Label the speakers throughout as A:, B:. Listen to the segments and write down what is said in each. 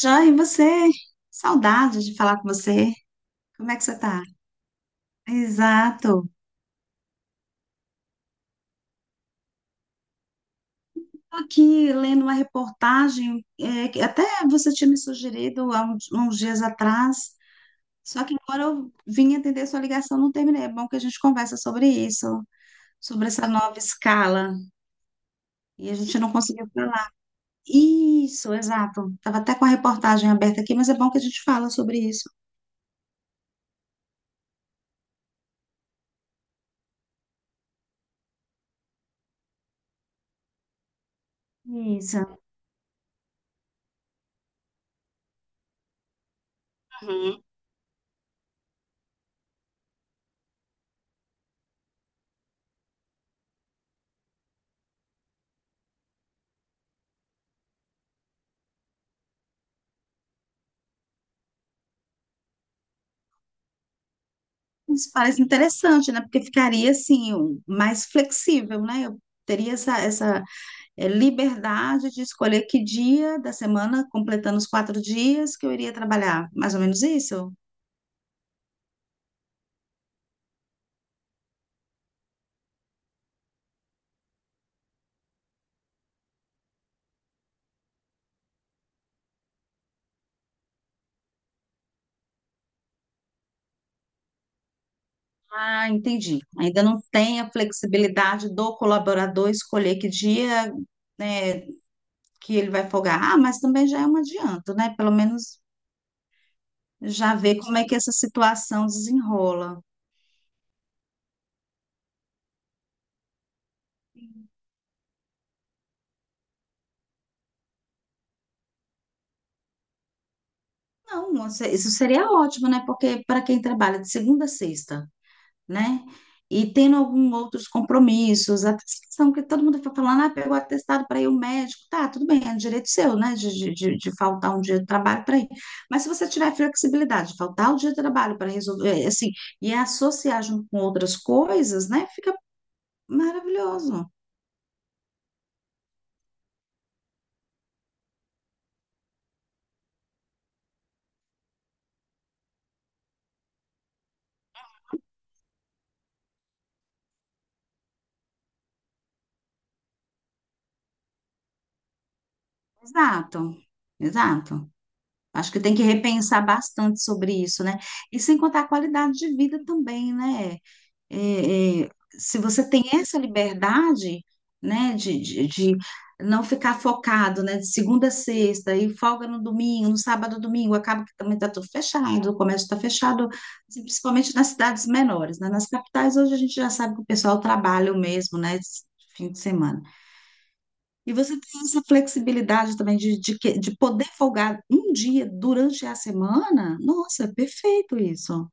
A: Joia, e você? Saudade de falar com você. Como é que você tá? Exato. Tô aqui lendo uma reportagem, que até você tinha me sugerido há uns dias atrás, só que agora eu vim atender sua ligação, não terminei. É bom que a gente conversa sobre isso, sobre essa nova escala, e a gente não conseguiu falar. Isso, exato. Tava até com a reportagem aberta aqui, mas é bom que a gente fala sobre isso. Isso. Uhum. Isso parece interessante, né? Porque ficaria assim, mais flexível, né? Eu teria essa liberdade de escolher que dia da semana, completando os 4 dias, que eu iria trabalhar. Mais ou menos isso? Ah, entendi. Ainda não tem a flexibilidade do colaborador escolher que dia, né, que ele vai folgar. Ah, mas também já é um adianto, né? Pelo menos já ver como é que essa situação desenrola. Não, isso seria ótimo, né? Porque para quem trabalha de segunda a sexta, né? E tendo alguns outros compromissos, a questão que todo mundo fica falando, ah, pegou atestado para ir ao médico, tá, tudo bem, é um direito seu, né, de faltar um dia de trabalho para ir. Mas se você tiver flexibilidade, de faltar o dia de trabalho para resolver, assim, e associar junto com outras coisas, né, fica maravilhoso. Exato, exato. Acho que tem que repensar bastante sobre isso, né? E sem contar a qualidade de vida também, né? é, é, se você tem essa liberdade, né, de não ficar focado, né, de segunda a sexta, e folga no domingo, no sábado, domingo, acaba que também está tudo fechado, o comércio está fechado, assim, principalmente nas cidades menores, né, nas capitais hoje a gente já sabe que o pessoal trabalha o mesmo, né, esse fim de semana. E você tem essa flexibilidade também de poder folgar um dia durante a semana, nossa, é perfeito isso.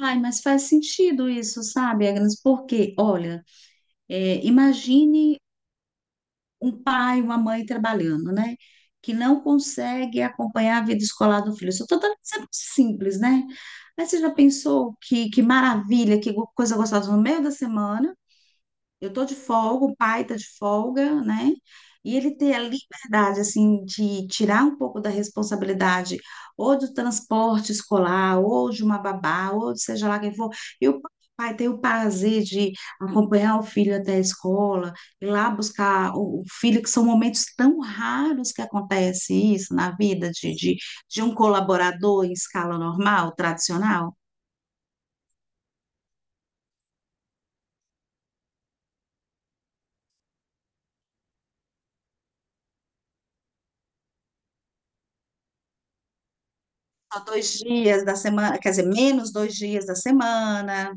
A: Ai, mas faz sentido isso, sabe, Agnes? Porque, olha, imagine um pai, uma mãe trabalhando, né? Que não consegue acompanhar a vida escolar do filho. Isso eu estou simples, né? Mas você já pensou que maravilha, coisa gostosa no meio da semana? Eu tô de folga, o pai tá de folga, né? E ele ter a liberdade, assim, de tirar um pouco da responsabilidade, ou do transporte escolar, ou de uma babá, ou de seja lá quem for. E o pai tem o prazer de acompanhar o filho até a escola, ir lá buscar o filho, que são momentos tão raros que acontece isso na vida de um colaborador em escala normal, tradicional. Só dois dias da semana, quer dizer, menos dois dias da semana.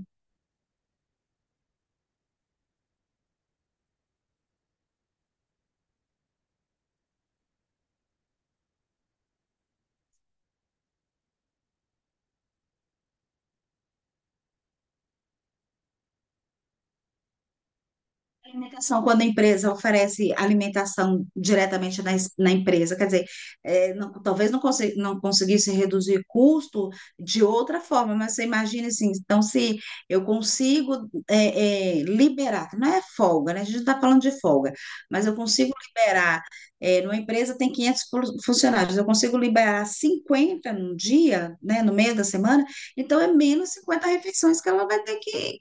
A: Alimentação, quando a empresa oferece alimentação diretamente na empresa, quer dizer, talvez não, não conseguisse reduzir custo de outra forma, mas você imagina assim, então se eu consigo liberar, não é folga, né? A gente não está falando de folga, mas eu consigo liberar, é, numa empresa tem funcionários, eu consigo liberar 50 num dia, né, no meio da semana, então é menos 50 refeições que ela vai ter que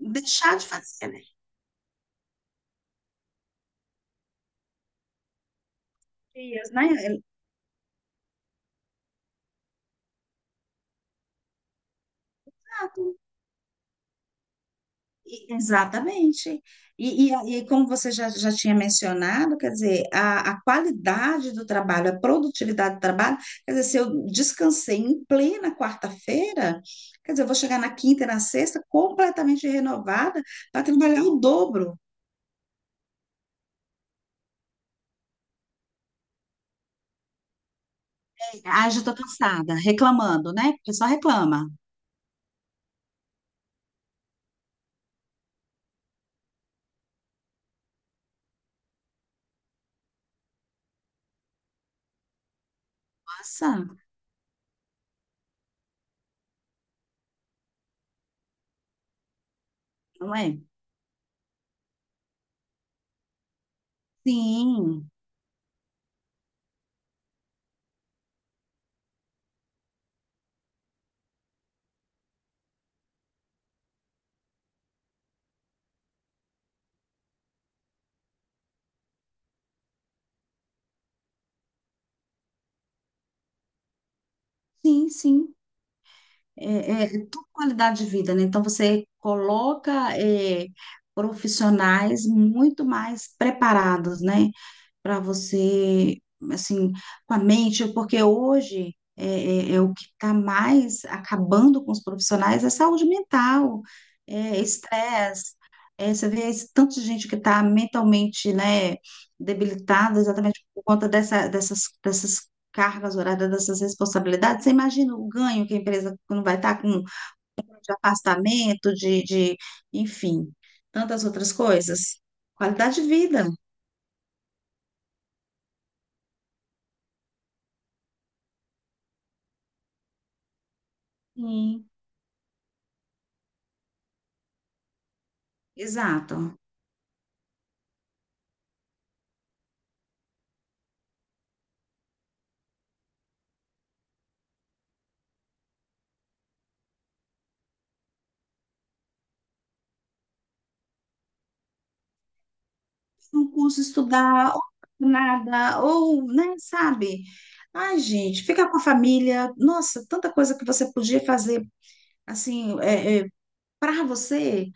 A: deixar de fazer, né? Dias, né? E- Exatamente. E como você já, já tinha mencionado, quer dizer, a qualidade do trabalho, a produtividade do trabalho, quer dizer, se eu descansei em plena quarta-feira, quer dizer, eu vou chegar na quinta e na sexta completamente renovada para trabalhar o dobro. Ah, já estou cansada, reclamando, né? Porque só reclama. Nossa, não é? Sim, sim, sim. É tudo qualidade de vida, né? Então você coloca é, profissionais muito mais preparados, né? Para você, assim, com a mente, porque hoje é o que está mais acabando com os profissionais, é saúde mental, é estresse. É, você vê esse tanto de gente que está mentalmente, né, debilitada exatamente por conta dessas cargas horárias, dessas responsabilidades. Você imagina o ganho que a empresa não vai estar com de afastamento, enfim, tantas outras coisas. Qualidade de vida. Sim. Exato. Um curso estudar, ou nada, ou, né, sabe? Ai, gente, ficar com a família, nossa, tanta coisa que você podia fazer, assim, para você,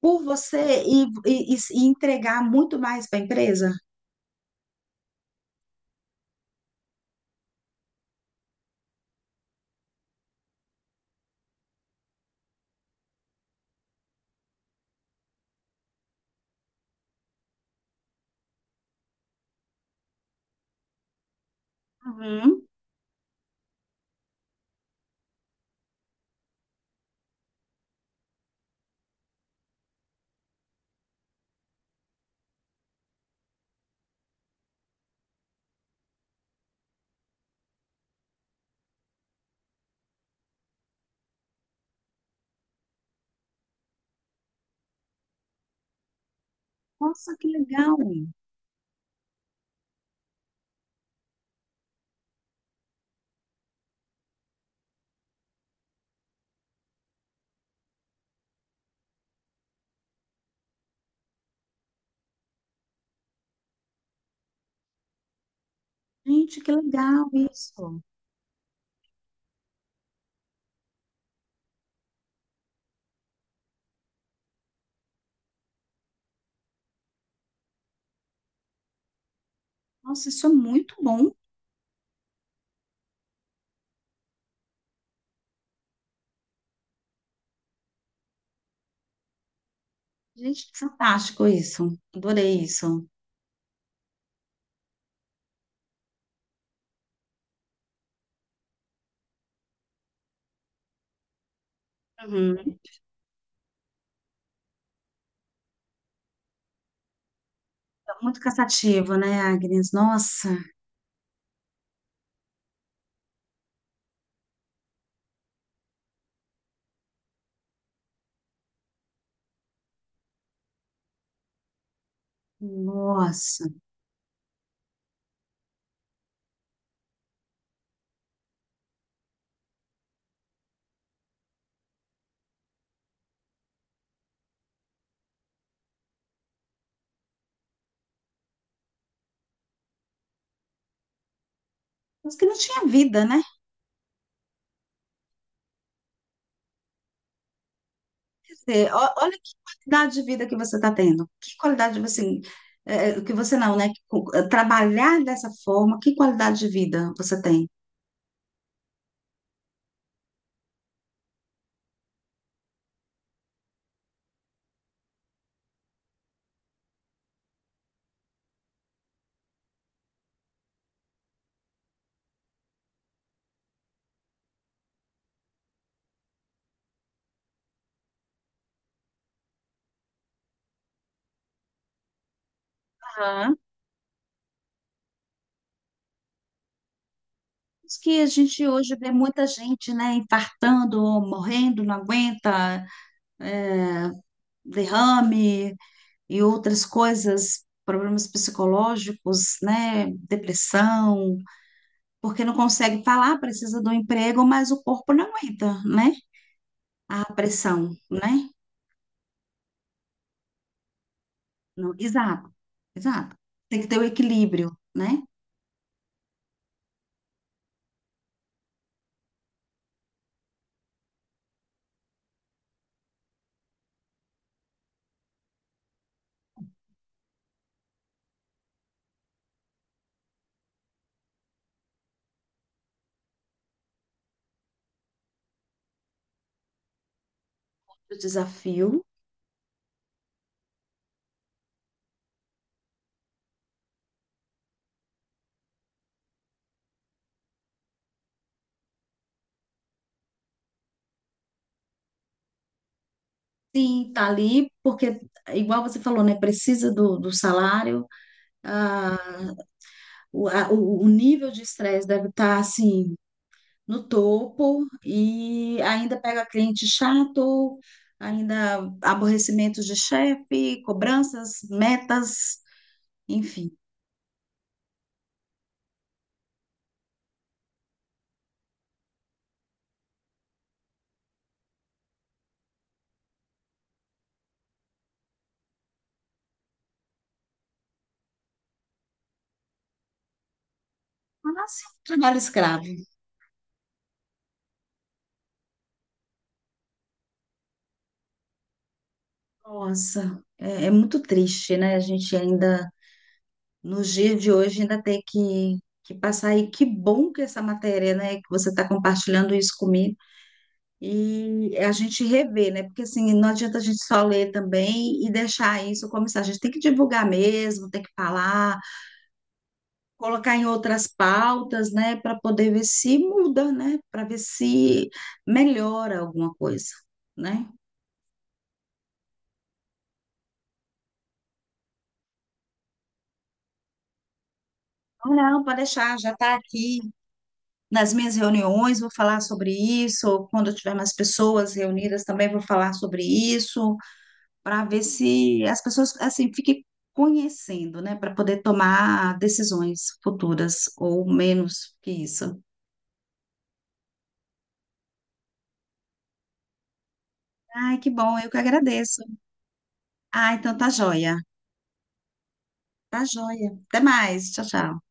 A: por você, e entregar muito mais para a empresa. Uhum. Nossa, que legal! Gente, que legal isso! Nossa, isso é muito bom. Gente, fantástico isso. Adorei isso. Uhum. É muito cansativo, né, Agnes? Nossa, nossa. Mas que não tinha vida, né? Olha que qualidade de vida que você está tendo. Que qualidade, tipo assim, que você não, né? Trabalhar dessa forma, que qualidade de vida você tem? Aham. Isso. Que a gente hoje vê muita gente, né, infartando, morrendo, não aguenta, é, derrame e outras coisas, problemas psicológicos, né, depressão, porque não consegue falar, precisa do emprego, mas o corpo não aguenta, né, a pressão, né? Exato, exato. Tem que ter o equilíbrio, né? Do desafio. Sim, tá ali, porque, igual você falou, né? Precisa do salário, ah, o nível de estresse deve estar, assim, no topo, e ainda pega cliente chato, ainda aborrecimentos de chefe, cobranças, metas, enfim. Mas, assim, trabalho escravo. Nossa, é muito triste, né? A gente ainda. Nos dias de hoje ainda ter que passar. E que bom que essa matéria, né, que você está compartilhando isso comigo. E é a gente rever, né? Porque assim, não adianta a gente só ler também e deixar isso como isso. A gente tem que divulgar mesmo, tem que falar, colocar em outras pautas, né, para poder ver se muda, né, para ver se melhora alguma coisa, né? Não, não, pode deixar, já está aqui. Nas minhas reuniões vou falar sobre isso, quando eu tiver mais pessoas reunidas também vou falar sobre isso, para ver se as pessoas assim fiquem conhecendo, né, para poder tomar decisões futuras ou menos que isso. Ai, que bom, eu que agradeço. Ah, então tá joia. Tá joia. Até mais. Tchau, tchau.